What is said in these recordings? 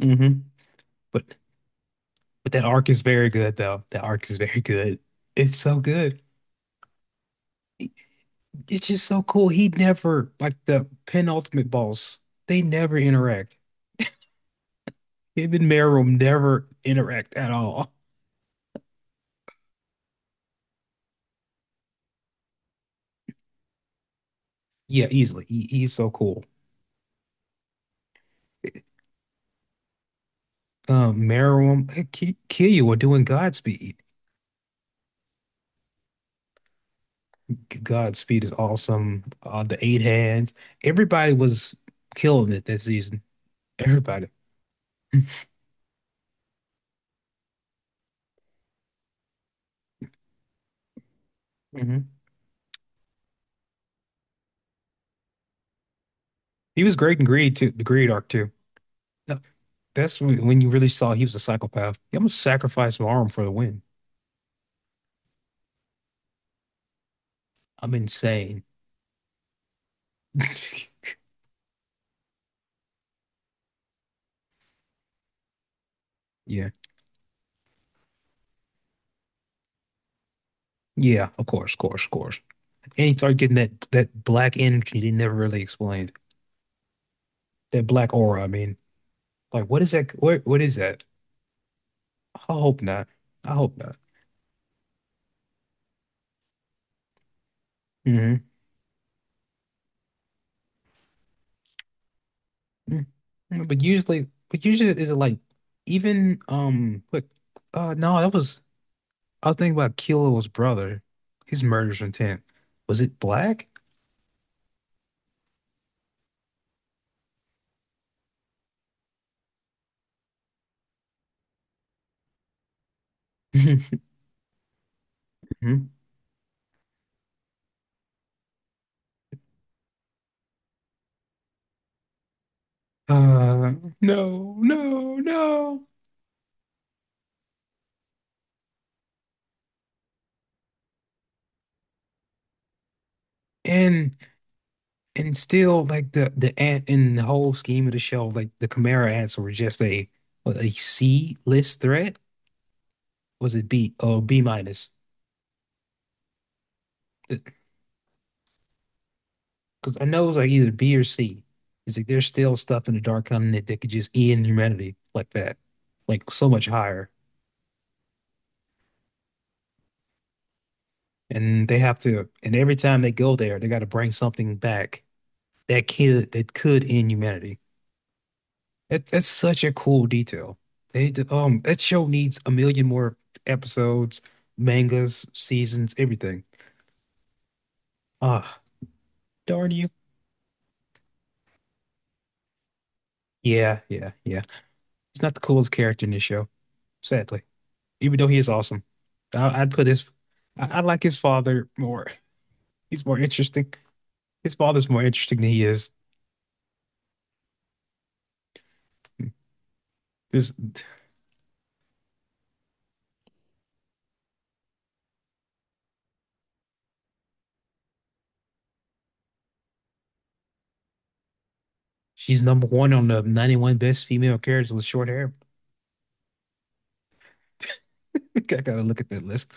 Hmm. But that arc is very good though. That arc is very good. It's so good. It's just so cool. He never like the penultimate boss. They never interact. Him and Meruem never interact at all. Yeah, easily. He's so cool. Meruem, Killua were doing Godspeed. Godspeed is awesome. The eight hands. Everybody was killing it that season. Everybody. Hmm. He was great in Greed too. The Greed arc too. When you really saw he was a psychopath. I'm gonna sacrifice my arm for the win. I'm insane. Yeah. Yeah, of course, of course, of course. And he started getting that black energy they never really explained. That black aura, I mean. Like what is that, what is that? I hope not. I hope not. Hmm. But usually it's like even what no, that was I was thinking about Kilo's brother, his murderous intent. Was it black? Uh, no, no, no. And and still like the ant in the whole scheme of the show, like the Chimera ants were just a what, a C list threat. Was it B? Oh, B minus. Because I know it was like either B or C. It's like there's still stuff in the Dark Continent that could just end humanity like that, like so much higher. And they have to, and every time they go there, they got to bring something back that could end humanity. It's such a cool detail. That show needs a million more episodes, mangas, seasons, everything. Ah, darn you. Yeah, yeah, yeah. He's not the coolest character in this show, sadly. Even though he is awesome. I'd put his I like his father more. He's more interesting. His father's more interesting than he is. This she's number one on the 91 best female characters with short hair. I gotta look at that list.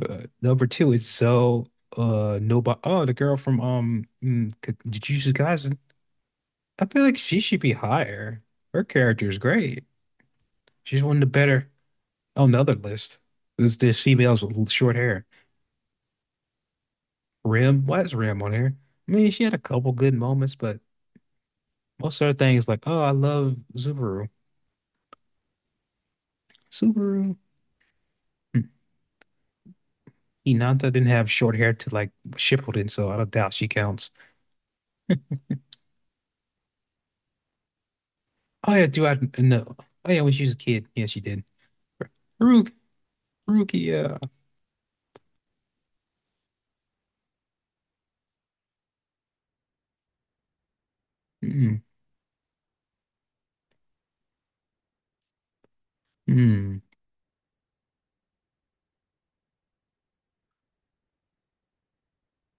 Number two is so nobody. Oh, the girl from Jujutsu Kaisen. I feel like she should be higher. Her character is great. She's one of the better on the other list. There's the females with short hair. Rim, why is Rim on here? I mean, she had a couple good moments, but most of her things like, oh, I love Subaru. Subaru. Hmm. Hinata didn't have short hair to like Shippuden, so I don't doubt she counts. Oh yeah, do I know? Oh yeah, when she was a kid, yeah, she did. Haru Rukia. Hmm. Hmm.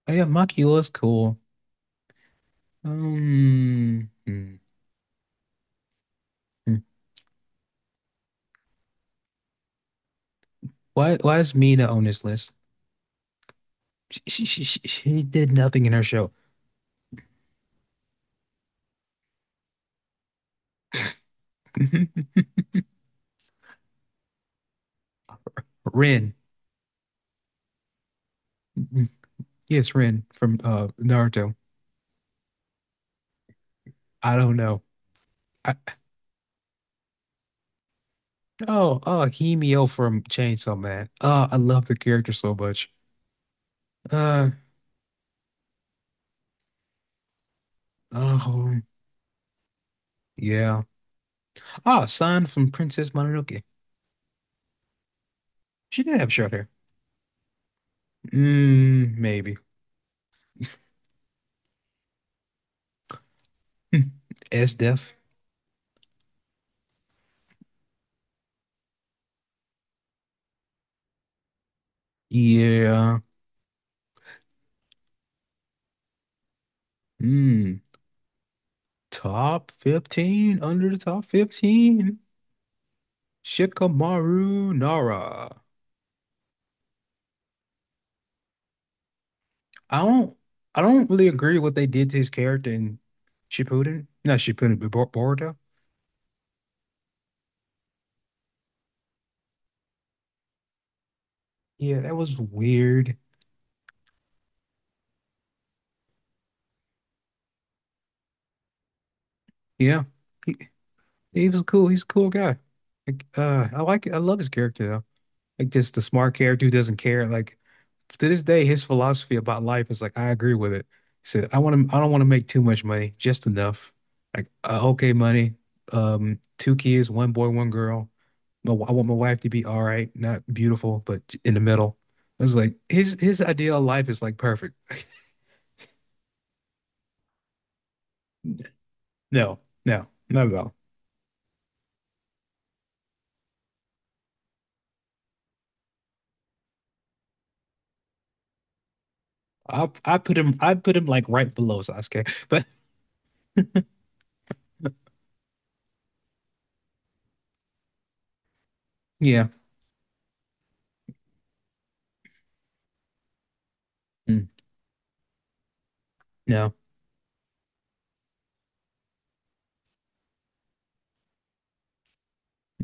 Oh yeah, Makula's cool. Hmm. Hmm. Why? Why is Mina on this list? She did nothing in her show. Mhm. Rin. Mhm. Yes, Rin from Naruto. I don't know. I, oh, oh, Himeo from Chainsaw Man. Oh, I love the character so much. Uh, oh, yeah. Ah, San from Princess Mononoke. She did have short hair. Mm, maybe. S Def. Yeah. Mm, top 15, under the top 15. Shikamaru Nara. I don't I don't really agree what they did to his character in Shippuden. Not Shippuden, but Boruto. Yeah, that was weird. Yeah. He, he was cool. He's a cool guy. Like, I love his character though. Like just the smart character who doesn't care. Like to this day, his philosophy about life is like, I agree with it. He said, I don't want to make too much money, just enough. Like, okay, money, two kids, one boy, one girl. I want my wife to be all right, not beautiful, but in the middle. I was like, his ideal life is like perfect. No, no, not at all. I put him like right below Sasuke. But yeah, mm, no,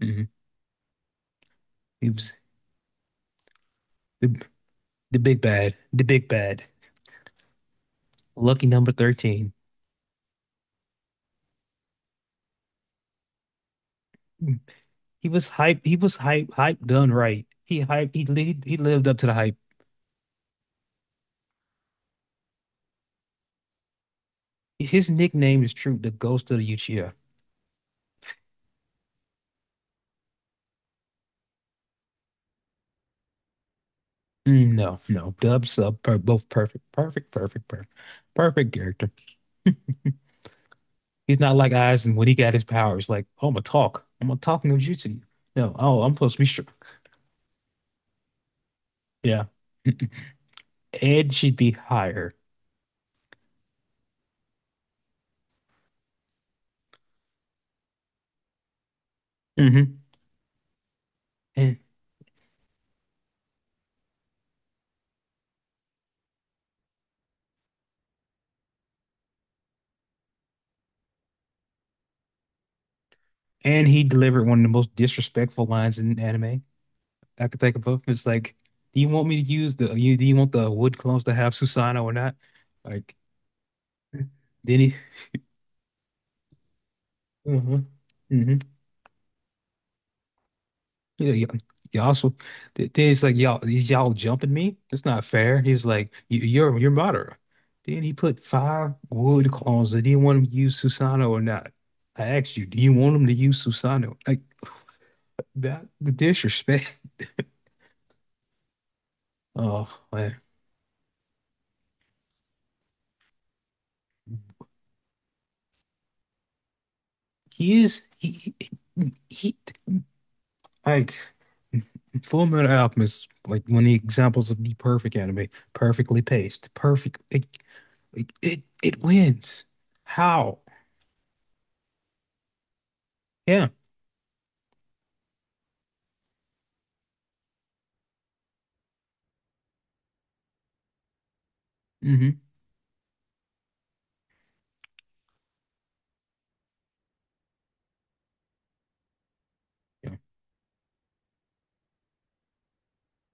mm. He was the the big bad, the big bad, lucky number 13. He was hype. He was hype. Hype done right. He hype. He lived. He lived up to the hype. His nickname is true. The Ghost of the Uchiha. Mm, no, no, dub sub, per, both perfect, perfect, perfect, perfect, perfect character. He's not like Aizen when he got his powers. Like, oh, I'm gonna talk. I'm gonna talk no jutsu. No, oh, I'm supposed to be strong. Yeah. Ed should be higher. Hmm. And and he delivered one of the most disrespectful lines in anime. I could take a puff. It's like, do you want me to use the you do you want the wood clones to have Susanoo or not? Like then he hmm hmm. Yeah, yeah. Y'all also then it's like y'all jumping me? That's not fair. He's like, "You- you're moderate. Then he put five wood clones that didn't want him to use Susanoo or not. I asked you, do you want him to use Susanoo? Like that the disrespect. Oh man. He is he like Full Metal Alchemist, like one of the examples of the perfect anime, perfectly paced, perfect. It wins. How? Yeah. Hmm. Yeah.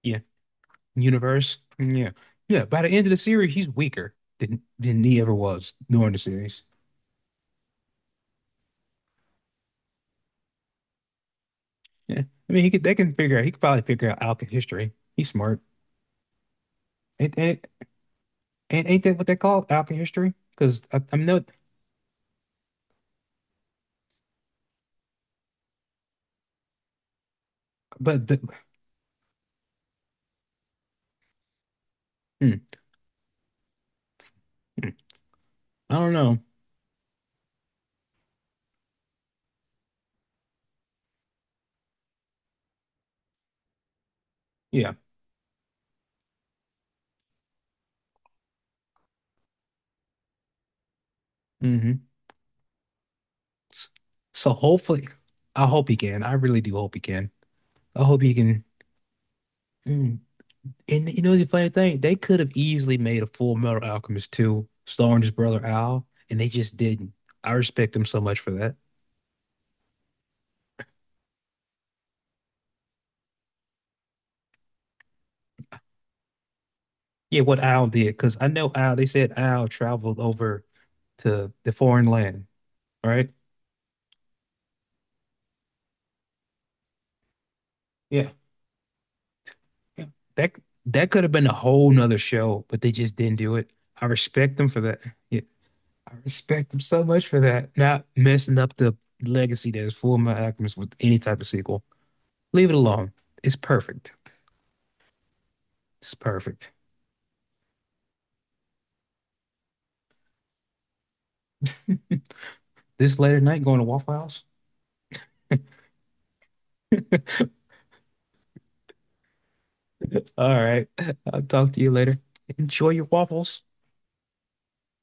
Yeah. Universe. Yeah. Yeah. By the end of the series, he's weaker than he ever was during the series. Yeah. I mean, he could they can figure out. He could probably figure out Alka history. He's smart. Ain't ain't, ain't that what they call Alka history? Because I'm not. But the, hmm, hmm. I don't know. Yeah. Hmm. S- So hopefully, I hope he can. I really do hope he can. I hope he can. Mm. And you know the funny thing, they could have easily made a Full Metal Alchemist 2 starring his brother Al, and they just didn't. I respect them so much for that. Yeah, what Al did, because I know Al. They said Al traveled over to the foreign land. All right. Yeah. Yeah. That that could have been a whole nother show, but they just didn't do it. I respect them for that. Yeah. I respect him so much for that. Not messing up the legacy that is Full Metal Alchemist with any type of sequel. Leave it alone. It's perfect. It's perfect. This later night going to Waffle House? All right. I'll talk to you later. Enjoy your waffles.